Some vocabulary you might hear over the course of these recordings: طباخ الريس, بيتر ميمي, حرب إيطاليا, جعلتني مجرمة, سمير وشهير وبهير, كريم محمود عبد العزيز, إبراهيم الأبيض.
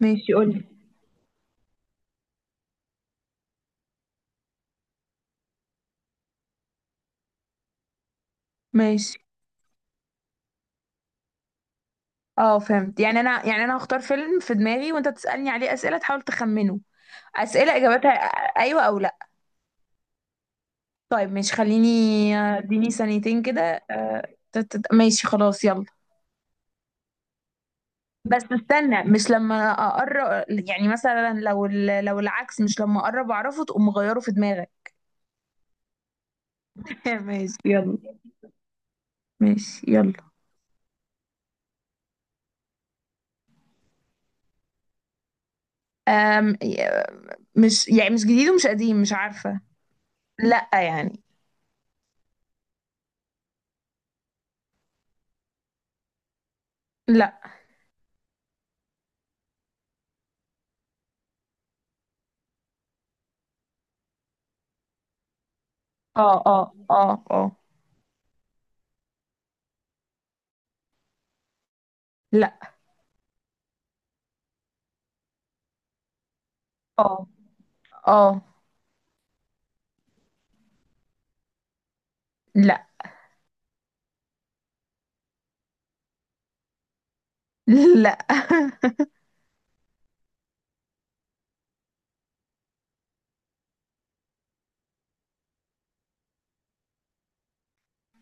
ماشي، قولي. ماشي. اه فهمت، يعني انا هختار فيلم في دماغي وانت تسألني عليه اسئلة تحاول تخمنه. اسئلة اجابتها ايوه او لا. طيب ماشي، خليني. اديني ثانيتين كده. آه، ماشي خلاص، يلا. بس استنى، مش لما اقرب، يعني مثلا لو لو العكس، مش لما اقرب اعرفه تقوم مغيره في دماغك. ماشي يلا. ماشي يلا. أم مش يعني، مش جديد ومش قديم، مش عارفة. لا يعني. لا، اه اه اه اه. لا، اه اه. لا. لا.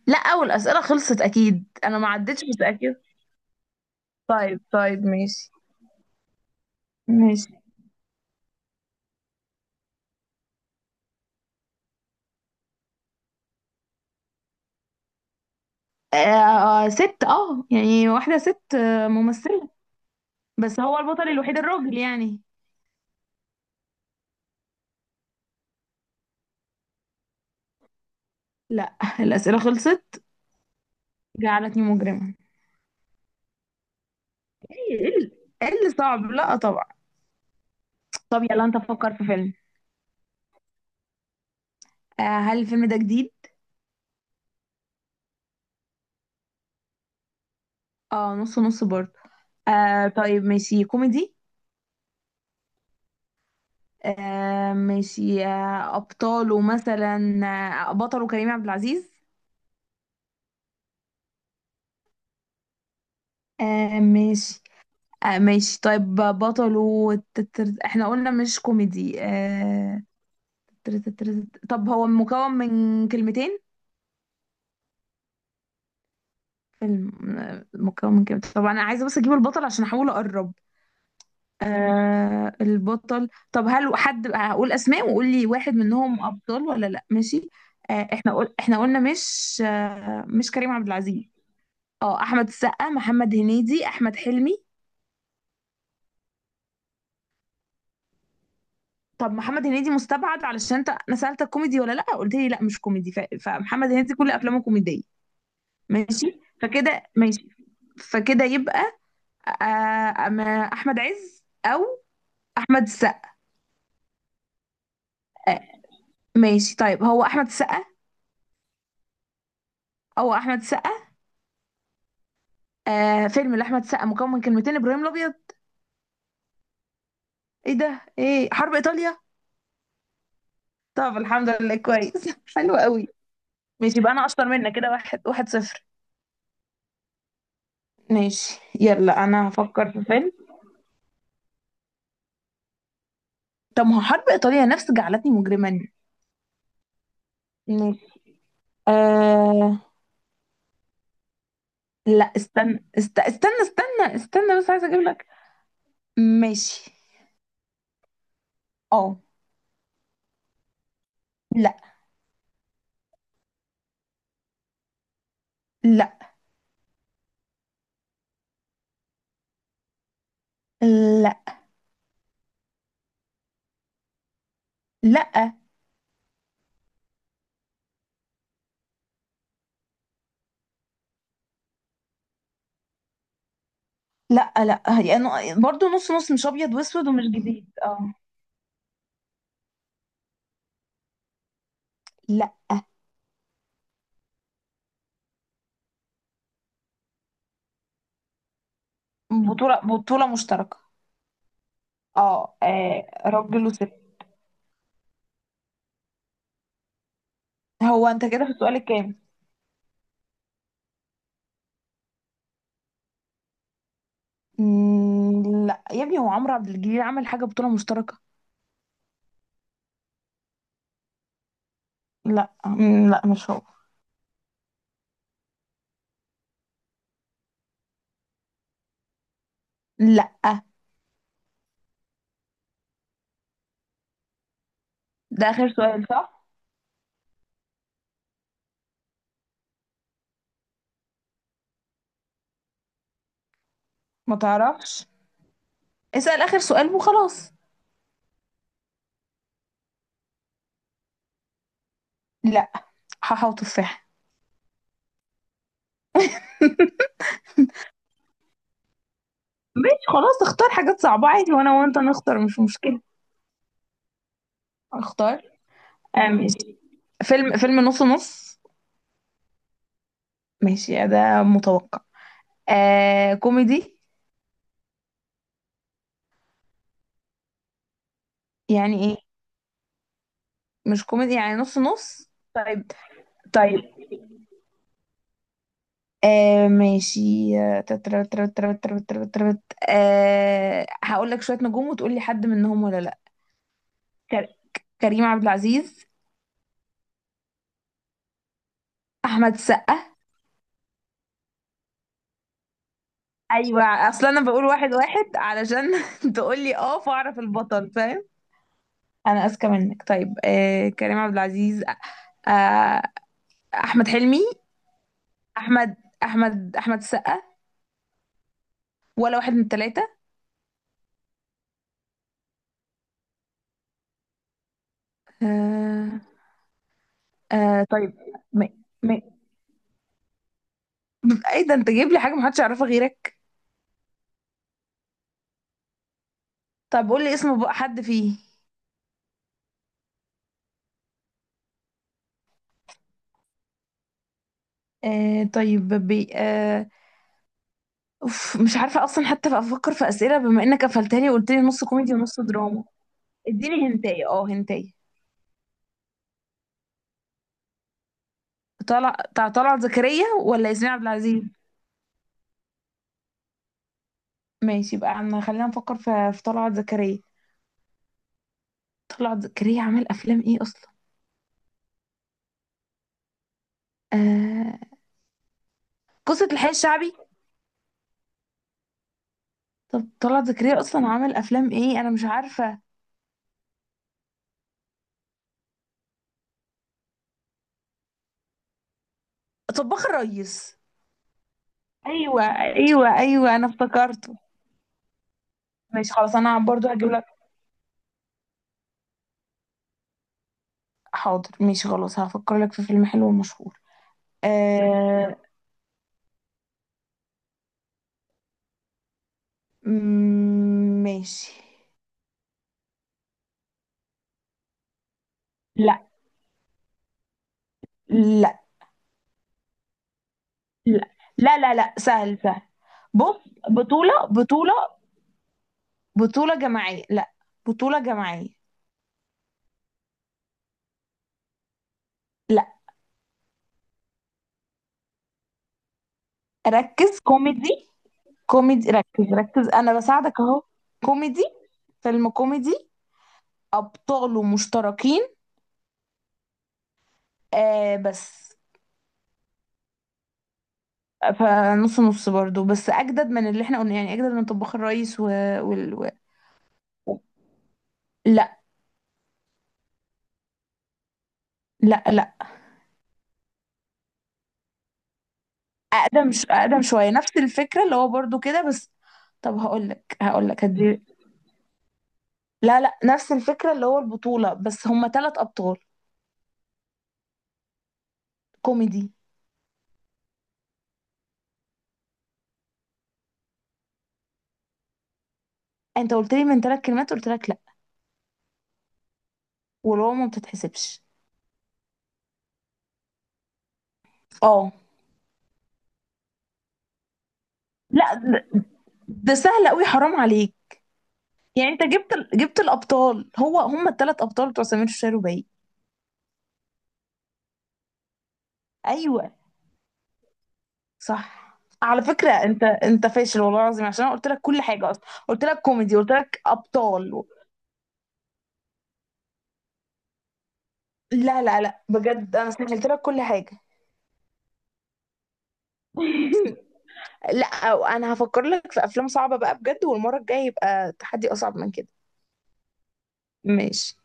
لا، اول اسئله خلصت، اكيد انا ما عدتش متاكده. طيب طيب ماشي. ماشي. ست، يعني واحده ست، ممثله. بس هو البطل الوحيد، الراجل يعني. لا، الاسئله خلصت. جعلتني مجرمه. ايه، إيه إيه اللي صعب؟ لا طبعا. طب يلا، انت فكر في فيلم. هل الفيلم ده جديد؟ اه، نص نص برضه. طيب، ماشي، كوميدي؟ ماشي. أبطاله، مثلا بطله كريم عبد العزيز؟ ماشي. ماشي. طيب، بطله احنا قلنا مش كوميدي، طب هو مكون من كلمتين؟ فيلم مكون من كلمتين. طب أنا عايزة بس أجيب البطل عشان أحاول أقرب. البطل. طب، هل حد... هقول أسماء وقول لي واحد منهم أبطال ولا لأ؟ ماشي. احنا احنا قلنا مش، مش كريم عبد العزيز. اه، احمد السقا، محمد هنيدي، احمد حلمي. طب محمد هنيدي مستبعد، علشان انت... انا سالتك كوميدي ولا لا، قلت لي لا مش كوميدي، فمحمد هنيدي كل افلامه كوميديه. ماشي فكده. ماشي فكده يبقى أما احمد عز او احمد السقا. ماشي. طيب، هو احمد السقا او احمد السقا. فيلم لاحمد السقا مكون من كلمتين، ابراهيم الابيض؟ ايه ده؟ ايه، حرب ايطاليا؟ طب الحمد لله، كويس. حلو قوي. ماشي، يبقى انا اشطر منك كده، واحد، واحد صفر. ماشي يلا، انا هفكر في فيلم. طب ما هو حرب ايطاليا نفس جعلتني مجرما. ماشي. آه... لا، استنى، استنى استنى استنى، بس عايزه اجيب لك. ماشي. اه. لا. لا. لا. لا، لا، لا يعني برضو نص نص، مش ابيض واسود ومش جديد، اه. لا. بطولة، بطولة مشتركة. اه، راجل وست. هو انت كده في السؤال الكام؟ مم، لا يا ابني، هو عمرو عبد الجليل عمل حاجة بطولة مشتركة؟ لا، مم، لا مش هو. لا، ده آخر سؤال صح؟ ما تعرفش؟ اسأل آخر سؤال وخلاص. لا. حاحة وتفاحة. ماشي خلاص، اختار حاجات صعبة عادي، وانا وانت نختار، مش مشكلة. اختار. ماشي. فيلم، فيلم نص نص. ماشي ده متوقع. كوميدي؟ يعني ايه؟ مش كوميدي يعني نص نص؟ طيب طيب. ماشي. آه تترت- ترت- ترت- ترت- ترت- ترت. هقول لك شوية نجوم وتقول لي حد منهم ولا لا؟ كر- كريم عبد العزيز؟ احمد السقا؟ ايوه، اصل انا بقول واحد واحد علشان تقول لي اه، فاعرف البطل، فاهم؟ انا اذكى منك. طيب، كريم عبد العزيز. آه احمد حلمي. احمد احمد السقا. ولا واحد من الثلاثه؟ آه طيب. م... م... ايه ده، انت جايب لي حاجه محدش يعرفها غيرك. طب قول لي اسم بقى حد فيه. طيب، بي آه أوف، مش عارفه اصلا حتى افكر في اسئله، بما انك قفلتها لي وقلت لي نص كوميدي ونص دراما. اديني هنتايه، هنتايه. طلع بتاع طلعت زكريا ولا ياسمين عبد العزيز؟ ماشي بقى، عم خلينا نفكر في طلعت زكريا. طلعت زكريا عمل افلام ايه اصلا؟ آه... قصة الحي الشعبي؟ طب طلعت زكريا اصلا عمل افلام ايه، انا مش عارفة. طباخ الريس. ايوه ايوه ايوه، انا افتكرته. ماشي خلاص، انا برضو هجيب لك. حاضر، ماشي خلاص، هفكر لك في فيلم حلو ومشهور. آه... مم، ماشي. لا، لا، لا، لا، لا، لا، سهل سهل. بص، بطولة، بطولة، بطولة جماعية، لا بطولة جماعية. لا، ركز كوميدي. كوميدي، ركز ركز، انا بساعدك اهو. كوميدي، فيلم كوميدي، ابطاله مشتركين، بس. فنص نص برضو، بس اجدد من اللي احنا قلنا، يعني اجدد من طباخ الريس وال... و... لا لا لا. اقدم اقدم شوية، نفس الفكرة اللي هو برضو كده بس. طب هقول لك هدي. لا، لا، نفس الفكرة اللي هو البطولة، بس هما ثلاث ابطال. كوميدي. انت قلت لي من ثلاث كلمات، قلت لك لا، والواو ما بتتحسبش. اه. لا، ده سهل قوي، حرام عليك. يعني انت جبت جبت الابطال، هو هم الثلاث ابطال بتوع سمير وشهير وبهير. ايوه صح. على فكره، انت فاشل والله العظيم، عشان انا قلت لك كل حاجه اصلا، قلت لك كوميدي، قلت لك ابطال. لا لا لا، بجد انا سهلت لك كل حاجه. لا، انا هفكر لك في افلام صعبه بقى بجد، والمره الجايه يبقى تحدي اصعب من كده. ماشي.